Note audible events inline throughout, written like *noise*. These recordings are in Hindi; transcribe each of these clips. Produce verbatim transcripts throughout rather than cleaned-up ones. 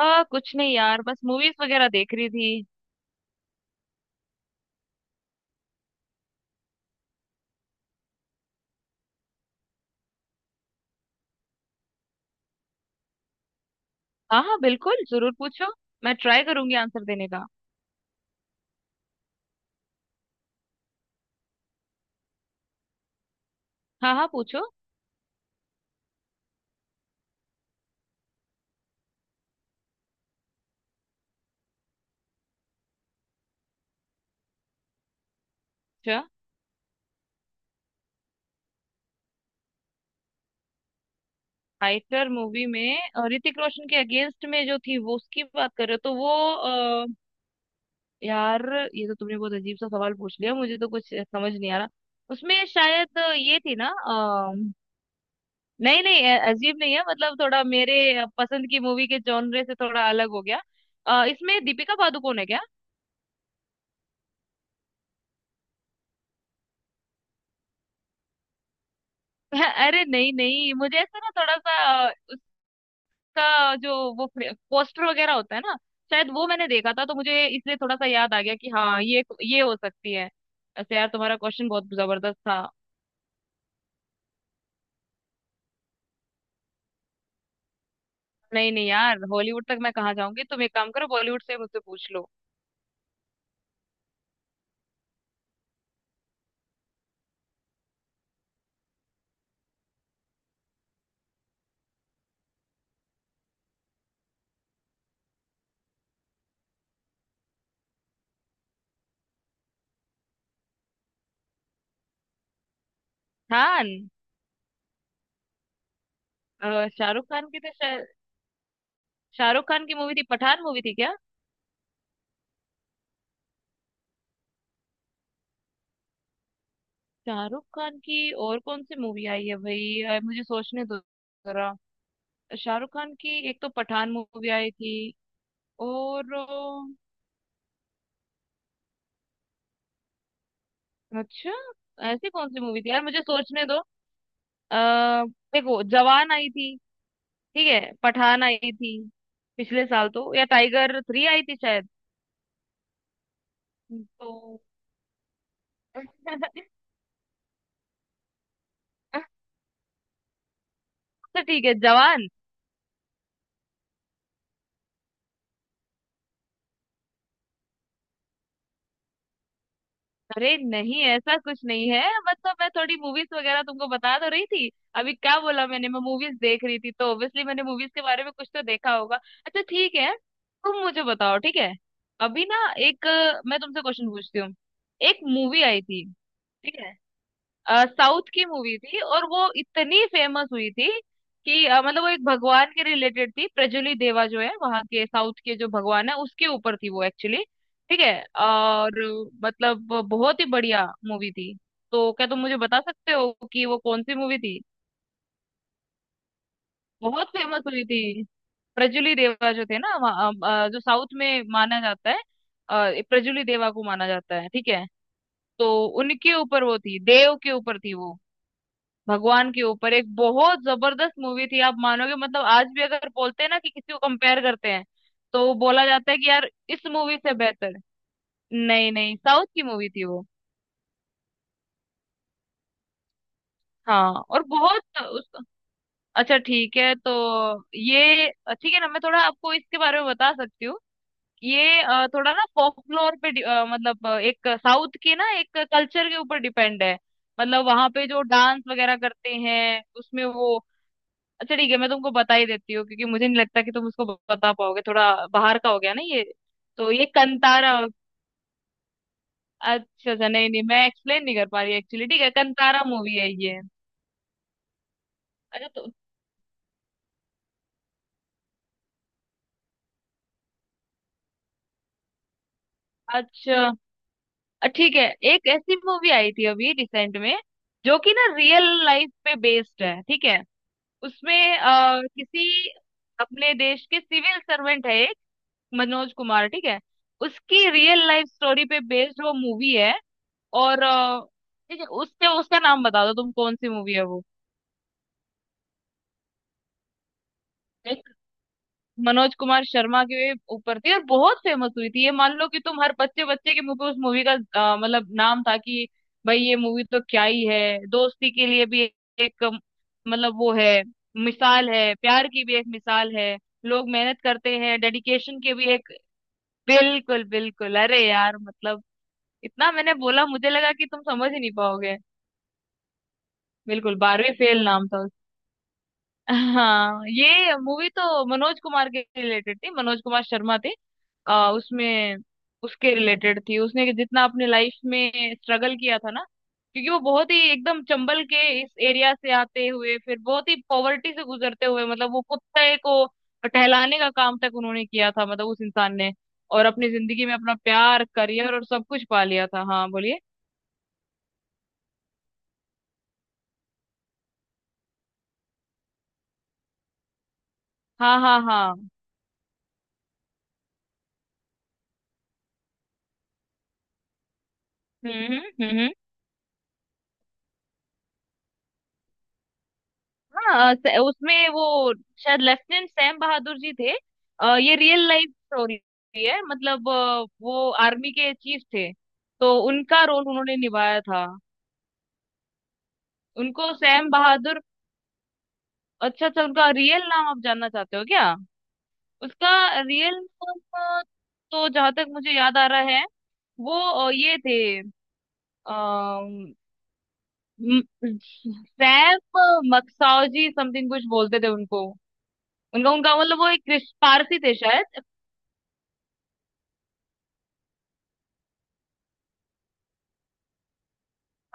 आ, कुछ नहीं यार, बस मूवीज वगैरह देख रही थी। हाँ हाँ, बिल्कुल, जरूर पूछो। मैं ट्राई करूंगी आंसर देने का। हाँ हाँ पूछो। अच्छा, फाइटर मूवी में अ, ऋतिक रोशन के अगेंस्ट में जो थी, वो उसकी बात कर रहे हो? तो वो अ, यार, ये तो तुमने बहुत अजीब सा सवाल पूछ लिया, मुझे तो कुछ समझ नहीं आ रहा। उसमें शायद अ, ये थी ना अ, नहीं नहीं, अ, अजीब नहीं है, मतलब थोड़ा मेरे अ, पसंद की मूवी के जॉनरे से थोड़ा अलग हो गया। अ, इसमें दीपिका पादुकोण है क्या? *laughs* अरे नहीं नहीं, मुझे ऐसा ना, थोड़ा सा उसका जो वो पोस्टर वगैरह होता है ना, शायद वो मैंने देखा था, तो मुझे इसलिए थोड़ा सा याद आ गया कि हाँ, ये ये हो सकती है। ऐसे यार, तुम्हारा क्वेश्चन बहुत जबरदस्त था। नहीं नहीं यार, हॉलीवुड तक मैं कहाँ जाऊंगी? तुम एक काम करो, बॉलीवुड से मुझसे पूछ लो। खान। अ, शाहरुख खान की तो शायद, शाहरुख खान की मूवी थी पठान, मूवी थी क्या? शाहरुख खान की और कौन सी मूवी आई है भाई? अ, मुझे सोचने दो जरा। शाहरुख खान की एक तो पठान मूवी आई थी, और अ, अच्छा, ऐसी कौन सी मूवी थी यार, मुझे सोचने दो। अ देखो, जवान आई थी, ठीक है, पठान आई थी, पिछले साल तो, या टाइगर थ्री आई थी शायद। तो *laughs* तो ठीक है, जवान। अरे नहीं, ऐसा कुछ नहीं है, मतलब मैं थोड़ी मूवीज वगैरह तुमको बता तो रही थी। अभी क्या बोला मैंने? मैं मूवीज देख रही थी, तो ऑब्वियसली मैंने मूवीज के बारे में कुछ तो देखा होगा। अच्छा ठीक है, तुम मुझे बताओ, ठीक है। अभी ना एक अ, मैं तुमसे क्वेश्चन पूछती हूँ। एक मूवी आई थी, ठीक है, साउथ की मूवी थी, और वो इतनी फेमस हुई थी कि अ, मतलब वो एक भगवान के रिलेटेड थी। प्रजुलि देवा जो है, वहाँ के साउथ के जो भगवान है, उसके ऊपर थी वो एक्चुअली। ठीक है, और मतलब बहुत ही बढ़िया मूवी थी, तो क्या तुम मुझे बता सकते हो कि वो कौन सी मूवी थी? बहुत फेमस हुई थी। प्रजुलि देवा जो थे ना वहाँ, अ, जो साउथ में माना जाता है, अ, प्रजुलि देवा को माना जाता है, ठीक है। तो उनके ऊपर वो थी, देव के ऊपर थी वो, भगवान के ऊपर। एक बहुत जबरदस्त मूवी थी, आप मानोगे, मतलब आज भी अगर बोलते हैं ना, कि किसी को कंपेयर करते हैं, तो बोला जाता है कि यार इस मूवी से बेहतर। नहीं नहीं, साउथ की मूवी थी वो। हाँ, और बहुत उस, अच्छा ठीक है, तो ये ठीक है ना, मैं थोड़ा आपको इसके बारे में बता सकती हूँ। ये अ, थोड़ा ना फ्लोर पे डि- अ, मतलब अ, एक साउथ के ना एक कल्चर के ऊपर डिपेंड है। मतलब वहां पे जो डांस वगैरह करते हैं, उसमें वो, अच्छा ठीक है, मैं तुमको बता ही देती हूँ, क्योंकि मुझे नहीं लगता कि तुम उसको बता पाओगे। थोड़ा बाहर का हो गया ना ये। तो ये कंतारा। अच्छा अच्छा, नहीं नहीं, मैं एक्सप्लेन नहीं कर पा रही एक्चुअली। ठीक है, कंतारा मूवी है ये। अच्छा तो अच्छा, अ, ठीक है, एक ऐसी मूवी आई थी अभी रिसेंट में, जो कि ना रियल लाइफ पे बेस्ड है, ठीक है। उसमें आ, किसी अपने देश के सिविल सर्वेंट है एक, मनोज कुमार, ठीक है। उसकी रियल लाइफ स्टोरी पे बेस्ड वो मूवी है, और अ, ठीक है, उसके उसका नाम बता दो तुम, कौन सी मूवी है वो। एक मनोज कुमार शर्मा के ऊपर थी, और बहुत फेमस हुई थी, ये मान लो कि तुम, हर बच्चे बच्चे के मुंह पे उस मूवी का अ, मतलब नाम था, कि भाई ये मूवी तो क्या ही है। दोस्ती के लिए भी एक अ, मतलब वो है, मिसाल है, प्यार की भी एक मिसाल है, लोग मेहनत करते हैं, डेडिकेशन के भी एक। बिल्कुल बिल्कुल, अरे यार मतलब, इतना मैंने बोला, मुझे लगा कि तुम समझ ही नहीं पाओगे। बिल्कुल, बारहवीं फेल नाम था। हाँ, ये मूवी तो मनोज कुमार के रिलेटेड थी, मनोज कुमार शर्मा थे। आ, उसमें उसके रिलेटेड थी, उसने जितना अपने लाइफ में स्ट्रगल किया था ना, क्योंकि वो बहुत ही एकदम चंबल के इस एरिया से आते हुए, फिर बहुत ही पॉवर्टी से गुजरते हुए, मतलब वो कुत्ते को टहलाने का काम तक उन्होंने किया था, मतलब उस इंसान ने, और अपनी जिंदगी में अपना प्यार, करियर और सब कुछ पा लिया था। हाँ बोलिए। हाँ हाँ हाँ। हम्म हम्म हम्म। हाँ, स- उसमें वो शायद लेफ्टिनेंट सैम बहादुर जी थे। अ, ये रियल लाइफ स्टोरी है, मतलब अ, वो आर्मी के चीफ थे, तो उनका रोल उन्होंने निभाया था। उनको सैम बहादुर। अच्छा अच्छा, उनका रियल नाम आप जानना चाहते हो क्या? उसका रियल नाम, अ, तो जहां तक मुझे याद आ रहा है, वो अ, ये थे, अम, म- सैम मक्साओजी समथिंग कुछ बोलते थे उनको। उनका उनका मतलब, वो एक क्रिस- पारसी थे शायद।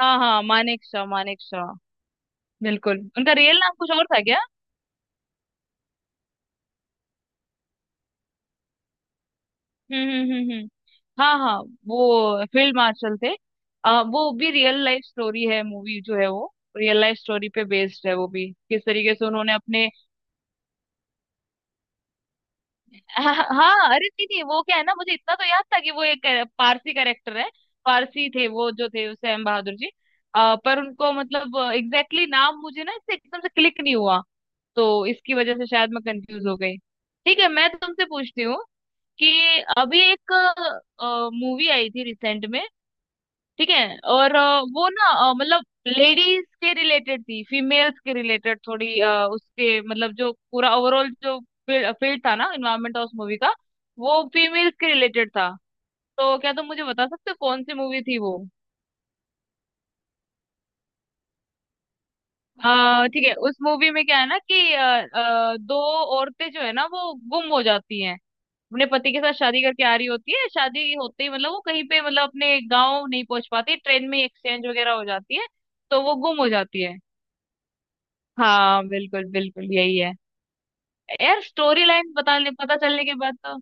हाँ हाँ, मानेक शाह, मानेक शाह। बिल्कुल, उनका रियल नाम कुछ और था क्या? हम्म हम्म हम्म हम्म। हाँ हाँ, वो फील्ड मार्शल थे। आ, वो भी रियल लाइफ स्टोरी है, मूवी जो है वो रियल लाइफ स्टोरी पे बेस्ड है, वो भी, किस तरीके से उन्होंने अपने, *laughs* हाँ हाँ, अरे नहीं नहीं, वो क्या है ना, मुझे इतना तो याद था कि वो एक अ, पारसी कैरेक्टर है, पारसी थे वो, जो थे सैम बहादुर जी। आ, पर उनको, मतलब, एग्जैक्टली exactly नाम मुझे ना इससे एकदम से क्लिक नहीं हुआ, तो इसकी वजह से शायद मैं कंफ्यूज हो गई। ठीक है, मैं तुमसे पूछती हूँ कि अभी एक मूवी आई थी रिसेंट में, ठीक है, और अ, वो ना अ, मतलब लेडीज के रिलेटेड थी, फीमेल्स के रिलेटेड थोड़ी अ, उसके मतलब जो पूरा ओवरऑल, जो फील्ड था ना, इन्वायरमेंट ऑफ मूवी का, वो फीमेल्स के रिलेटेड था, तो क्या तुम मुझे बता सकते हो कौन सी मूवी थी वो? अ, ठीक है, उस मूवी में क्या है ना कि अ, अ, दो औरतें जो है ना, वो गुम हो जाती हैं, अपने पति के साथ शादी करके आ रही होती है, शादी होते ही मतलब वो कहीं पे, मतलब अपने गांव नहीं पहुंच पाती, ट्रेन में एक्सचेंज वगैरह हो जाती है, तो वो गुम हो जाती है। हाँ बिल्कुल बिल्कुल, यही है। यार स्टोरी लाइन बताने, पता चलने के बाद तो,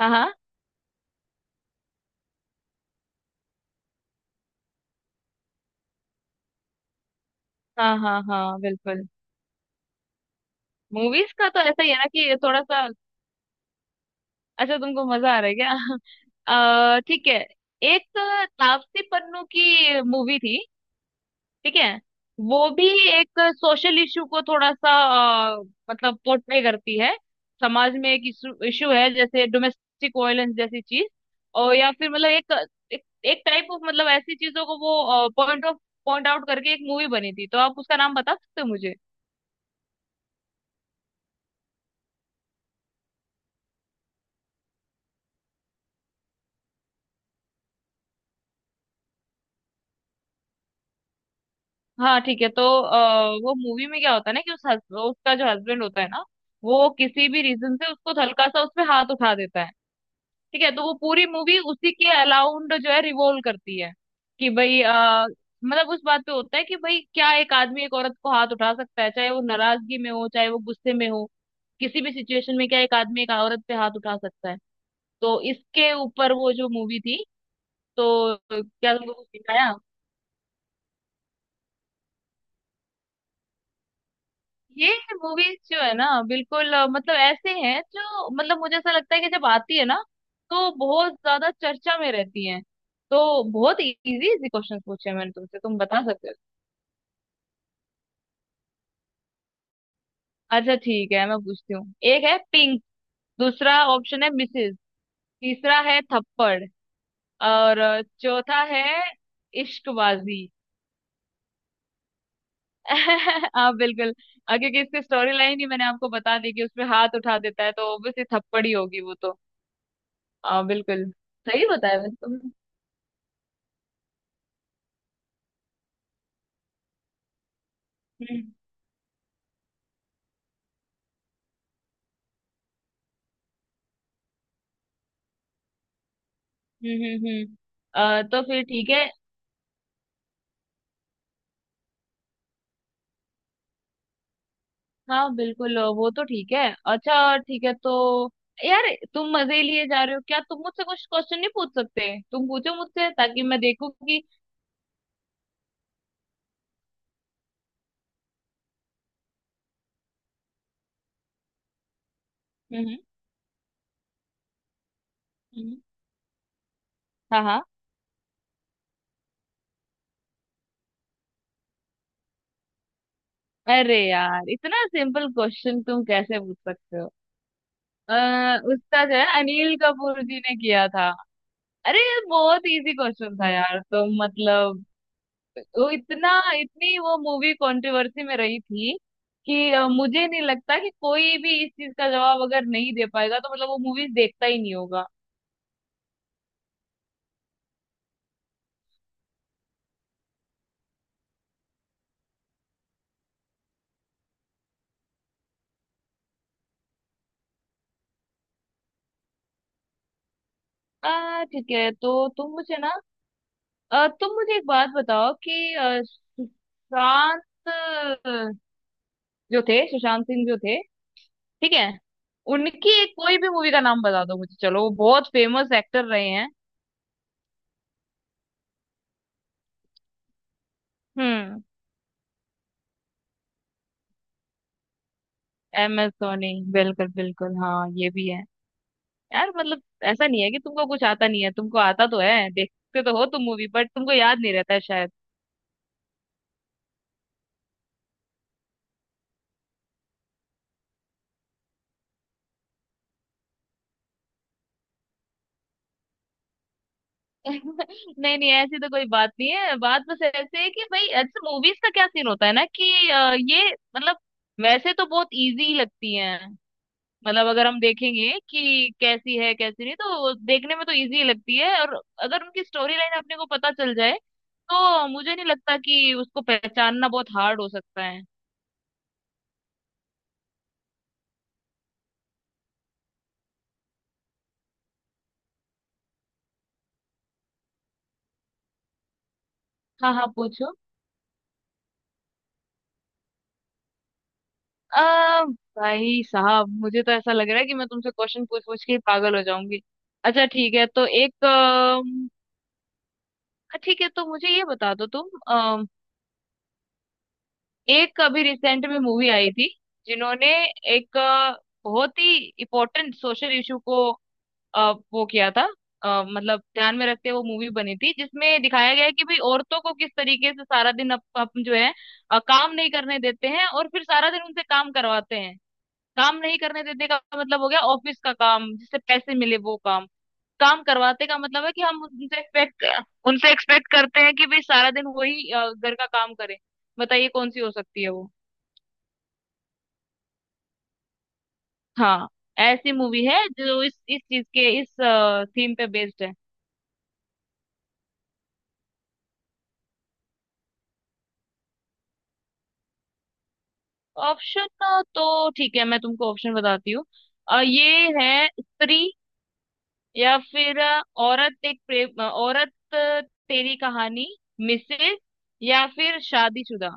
हाँ हाँ हाँ हाँ हाँ, बिल्कुल। मूवीज का तो ऐसा ही है ना, कि थोड़ा सा, अच्छा तुमको मजा आ रहा है क्या? *laughs* अ, ठीक है, एक तापसी पन्नू की मूवी थी, ठीक है, वो भी एक सोशल इशू को थोड़ा सा अ, मतलब पोर्ट्रे करती है। समाज में एक इशू, इशू है जैसे डोमेस्टिक वायलेंस जैसी चीज, और या फिर मतलब एक, एक, एक टाइप ऑफ, मतलब ऐसी चीजों को वो, पॉइंट ऑफ पॉइंट आउट करके एक मूवी बनी थी, तो आप उसका नाम बता सकते हो मुझे? हाँ ठीक है, तो अ, वो मूवी में क्या होता है ना कि उस हस, उसका जो हस्बैंड होता है ना, वो किसी भी रीजन से उसको हल्का सा उस पे हाथ उठा देता है, ठीक है। तो वो पूरी मूवी उसी के अलाउंड जो है रिवॉल्व करती है, कि भाई आ, मतलब उस बात पे होता है कि भाई, क्या एक आदमी एक औरत को हाथ उठा सकता है? चाहे वो नाराजगी में हो, चाहे वो गुस्से में हो, किसी भी सिचुएशन में क्या एक आदमी एक औरत पे हाथ उठा सकता है? तो इसके ऊपर वो जो मूवी थी, तो क्या तुमको कुछ दिखाया? ये मूवीज जो है ना, बिल्कुल अ, मतलब ऐसे हैं जो, मतलब मुझे ऐसा लगता है कि जब आती है ना, तो बहुत ज्यादा चर्चा में रहती हैं, तो बहुत इजी इजी क्वेश्चन पूछे मैंने तुमसे, तुम बता सकते हो। अच्छा ठीक है, मैं पूछती हूँ, एक है पिंक, दूसरा ऑप्शन है मिसेज, तीसरा है थप्पड़, और अ, चौथा है इश्कबाजी। *laughs* आप बिल्कुल, अ, क्योंकि इसकी स्टोरी लाइन ही मैंने आपको बता दी कि उसमें हाथ उठा देता है, तो ऑब्वियसली थप्पड़ ही होगी वो तो। अ, बिल्कुल सही बताया वैसे तुमने। हम्म हम्म हम्म हम्म। अ, तो फिर ठीक है, हाँ बिल्कुल वो तो ठीक है। अच्छा ठीक है, तो यार तुम मजे लिए जा रहे हो क्या? तुम मुझसे कुछ क्वेश्चन नहीं पूछ सकते? तुम पूछो मुझसे, ताकि मैं देखूं कि, हम्म हम्म। हम्म। हाँ हाँ, अरे यार, इतना सिंपल क्वेश्चन तुम कैसे पूछ सकते हो? आ, उसका जो है अनिल कपूर जी ने किया था। अरे ये बहुत इजी क्वेश्चन था यार, तुम मतलब, वो इतना इतनी वो मूवी कंट्रोवर्सी में रही थी कि अ, मुझे नहीं लगता कि कोई भी इस चीज का जवाब अगर नहीं दे पाएगा, तो मतलब वो मूवीज देखता ही नहीं होगा। आ ठीक है, तो तुम मुझे ना, अ, तुम मुझे एक बात बताओ, कि अ, सुशांत, अ, जो थे, सुशांत सिंह जो थे, ठीक है, उनकी एक कोई भी मूवी का नाम बता दो मुझे, चलो, वो बहुत फेमस एक्टर रहे हैं। हम्म। एम एस धोनी, बिल्कुल बिल्कुल, हाँ ये भी है। यार मतलब ऐसा नहीं है कि तुमको कुछ आता नहीं है, तुमको आता तो है, देखते तो हो तुम मूवी, बट तुमको याद नहीं रहता है शायद। *laughs* नहीं नहीं, ऐसी तो कोई बात नहीं है, बात बस ऐसे है कि भाई, अच्छा मूवीज का क्या सीन होता है ना कि अ, ये, मतलब वैसे तो बहुत इजी लगती है, मतलब अगर हम देखेंगे कि कैसी है कैसी नहीं, तो देखने में तो इजी लगती है, और अगर उनकी स्टोरी लाइन अपने को पता चल जाए, तो मुझे नहीं लगता कि उसको पहचानना बहुत हार्ड हो सकता है। हाँ हाँ पूछो। आ, भाई साहब, मुझे तो ऐसा लग रहा है कि मैं तुमसे क्वेश्चन पूछ पूछ के ही पागल हो जाऊंगी। अच्छा ठीक है, तो एक, अम, अ, ठीक है, तो मुझे ये बता दो तुम, अम, एक अभी रिसेंट में मूवी आई थी, जिन्होंने एक अ, बहुत ही इम्पोर्टेंट सोशल इशू को अ, वो किया था। अ, मतलब ध्यान में रखते हुए वो मूवी बनी थी, जिसमें दिखाया गया है कि भाई, औरतों को किस तरीके से सारा दिन अप, अप जो है अ, काम नहीं करने देते हैं, और फिर सारा दिन उनसे काम करवाते हैं। काम नहीं करने देने का मतलब हो गया ऑफिस का काम, जिससे पैसे मिले, वो काम। काम करवाते का मतलब है कि हम उनसे एक्सपेक्ट उनसे एक्सपेक्ट करते हैं कि भाई सारा दिन वही अ, घर का काम करें। बताइए कौन सी हो सकती है वो? हाँ, ऐसी मूवी है जो इस इस चीज के इस थीम पे बेस्ड है। ऑप्शन तो ठीक है, मैं तुमको ऑप्शन बताती हूँ। अ, ये है स्त्री, या फिर अ, औरत एक प्रेम, अ, औरत, अ, तेरी कहानी, मिसेज, या फिर शादीशुदा।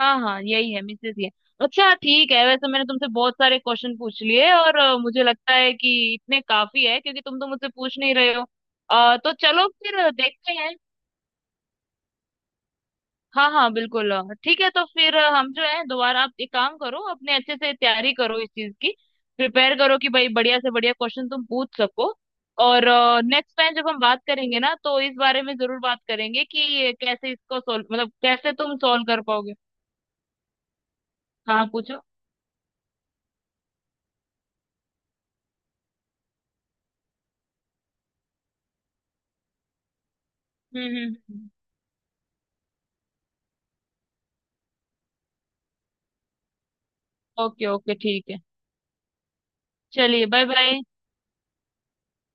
हाँ हाँ यही है, मिसेस, ये। अच्छा ठीक है, वैसे मैंने तुमसे बहुत सारे क्वेश्चन पूछ लिए, और अ, मुझे लगता है कि इतने काफी है, क्योंकि तुम तो मुझसे पूछ नहीं रहे हो। अ, तो चलो फिर देखते हैं। हाँ हाँ, बिल्कुल, अ, ठीक है, तो फिर अ, हम जो है दोबारा, आप एक काम करो, अपने अच्छे से तैयारी करो इस चीज की, प्रिपेयर करो, कि भाई बढ़िया से बढ़िया क्वेश्चन तुम पूछ सको, और नेक्स्ट टाइम जब हम बात करेंगे ना, तो इस बारे में जरूर बात करेंगे कि ये कैसे इसको सोल्व, मतलब कैसे तुम सोल्व कर पाओगे। हाँ पूछो। हम्म हम्म हम्म। ओके ओके ठीक है। चलिए, बाय बाय।